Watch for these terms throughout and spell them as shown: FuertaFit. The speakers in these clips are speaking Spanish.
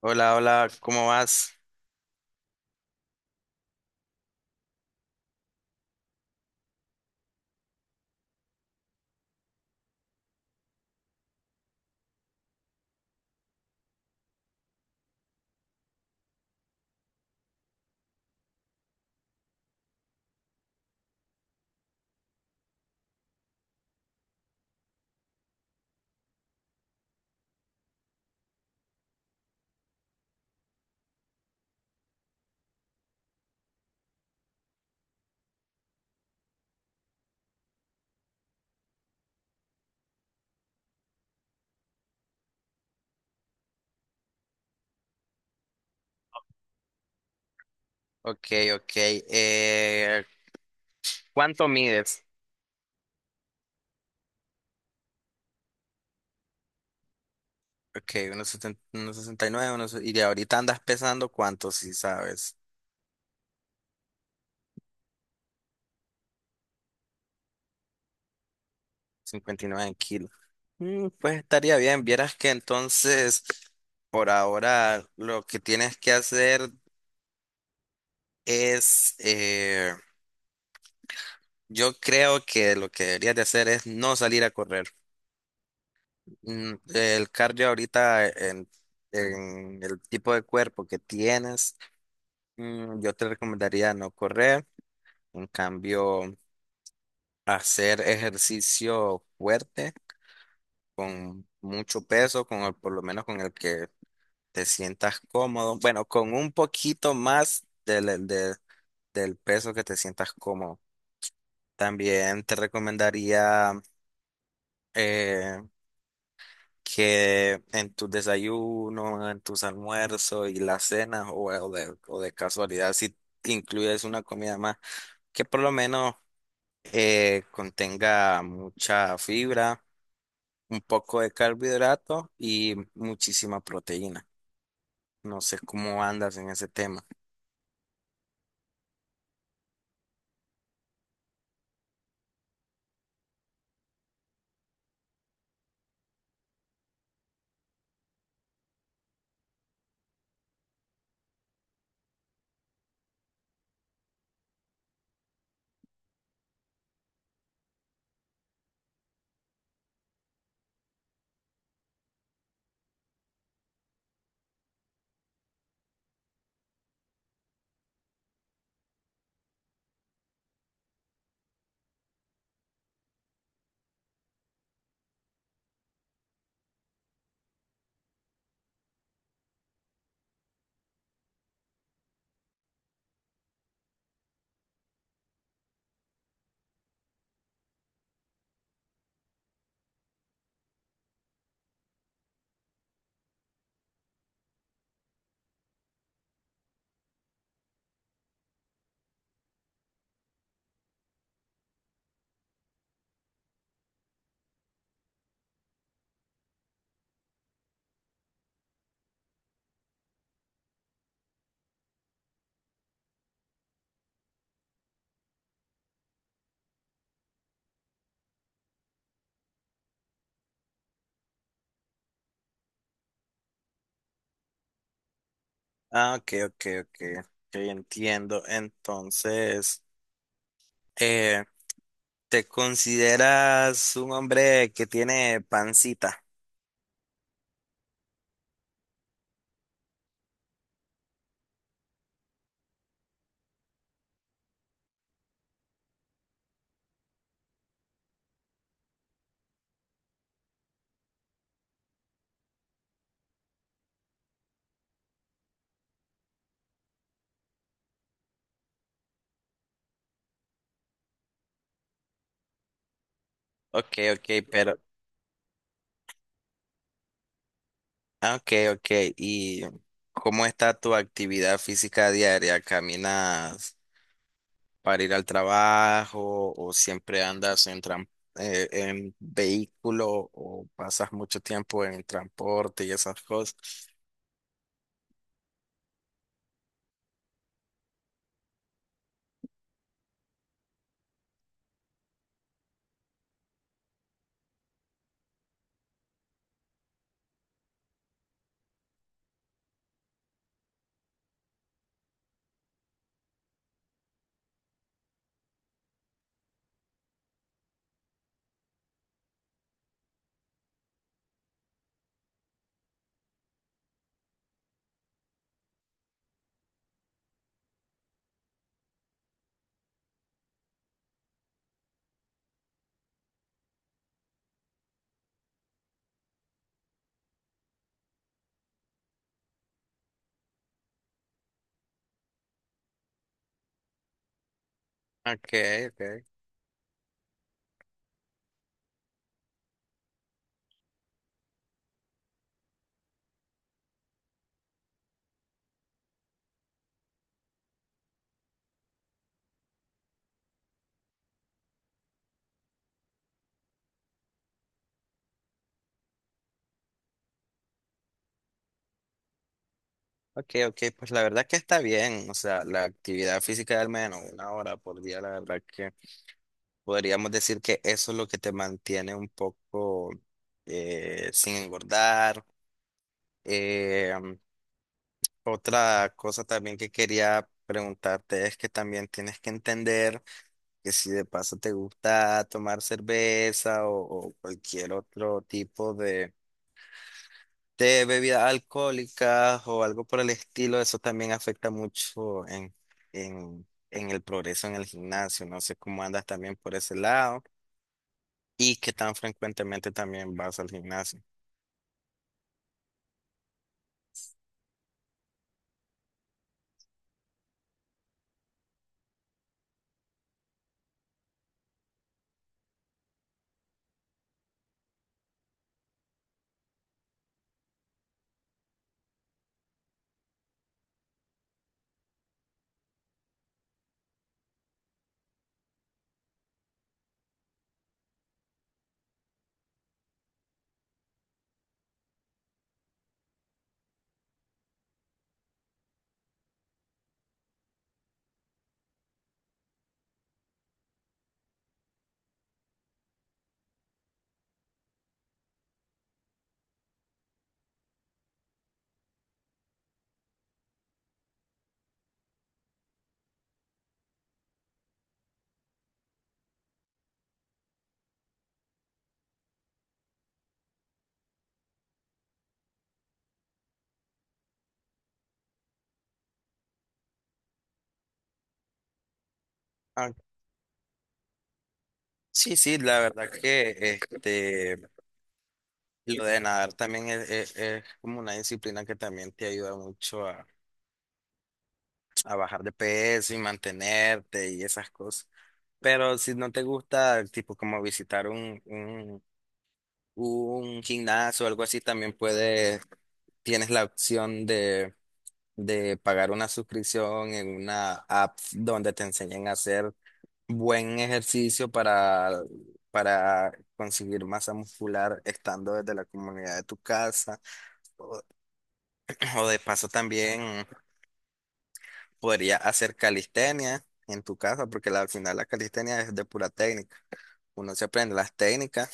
Hola, hola, ¿cómo vas? Ok, ok. ¿Cuánto mides? Ok, unos 69 unos, y de ahorita andas pesando cuánto, si sabes, 59 kilos. Mm, pues estaría bien, vieras que entonces, por ahora, lo que tienes que hacer es, yo creo que lo que deberías de hacer es no salir a correr. Mm, el cardio ahorita en el tipo de cuerpo que tienes. Mm, yo te recomendaría no correr, en cambio, hacer ejercicio fuerte, con mucho peso, por lo menos con el que te sientas cómodo. Bueno, con un poquito más del peso que te sientas cómodo. También te recomendaría eh, que en tus desayunos, en tus almuerzos y las cenas, o de casualidad, si incluyes una comida más, que por lo menos, contenga mucha fibra, un poco de carbohidrato y muchísima proteína. No sé cómo andas en ese tema. Ah, ok, ok, ok. Ok, entiendo. Entonces, eh, ¿te consideras un hombre que tiene pancita? Ok, ok, pero, ah, ok, ok. ¿Y cómo está tu actividad física diaria? ¿Caminas para ir al trabajo o siempre andas en vehículo o pasas mucho tiempo en transporte y esas cosas? Okay, okay. Okay, okay, pues la verdad que está bien, o sea, la actividad física de al menos una hora por día, la verdad que podríamos decir que eso es lo que te mantiene un poco sin engordar. Eh, Otra cosa también que quería preguntarte es que también tienes que entender que si de paso te gusta tomar cerveza o cualquier otro tipo de bebidas alcohólicas o algo por el estilo, eso también afecta mucho en el progreso en el gimnasio. No sé cómo andas también por ese lado y qué tan frecuentemente también vas al gimnasio. Ah, sí, sí, la verdad que este, lo de nadar también es como una disciplina que también te ayuda mucho a bajar de peso y mantenerte y esas cosas. Pero si no te gusta, tipo como visitar un gimnasio o algo así, también puedes, tienes la opción de pagar una suscripción en una app donde te enseñen a hacer buen ejercicio para conseguir masa muscular estando desde la comunidad de tu casa. O, o de paso también. Podría hacer calistenia en tu casa, porque al final la calistenia es de pura técnica. Uno se aprende las técnicas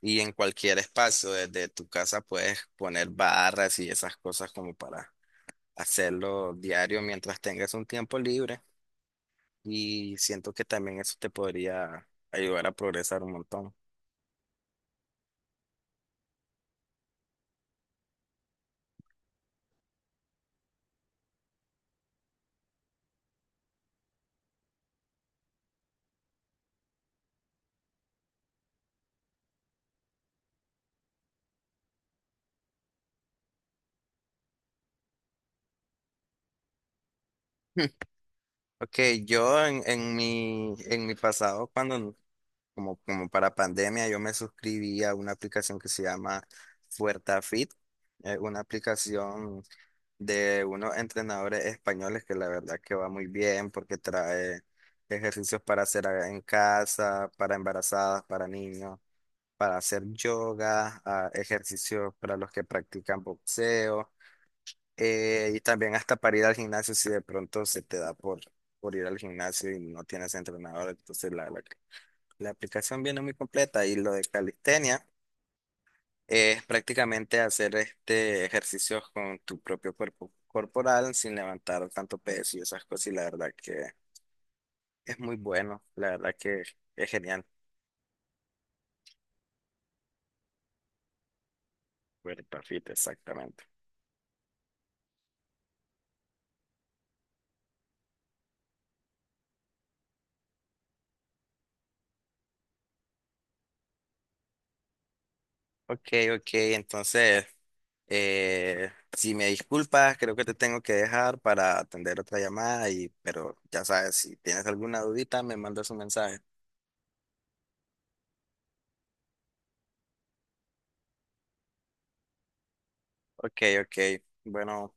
y en cualquier espacio desde tu casa puedes poner barras y esas cosas como para hacerlo diario mientras tengas un tiempo libre. Y siento que también eso te podría ayudar a progresar un montón. Ok, yo en mi pasado, cuando como para pandemia, yo me suscribí a una aplicación que se llama FuertaFit, una aplicación de unos entrenadores españoles que la verdad que va muy bien porque trae ejercicios para hacer en casa, para embarazadas, para niños, para hacer yoga, ah, ejercicios para los que practican boxeo, y también hasta para ir al gimnasio si de pronto se te da por ir al gimnasio y no tienes entrenador, entonces la verdad la aplicación viene muy completa y lo de calistenia es prácticamente hacer este ejercicios con tu propio cuerpo corporal sin levantar tanto peso y esas cosas. Y la verdad que es muy bueno, la verdad que es genial. Cuerpo fit, exactamente. Ok, ok, entonces, si me disculpas, creo que te tengo que dejar para atender otra llamada, y, pero ya sabes, si tienes alguna dudita, me mandas un mensaje. Ok, ok, bueno.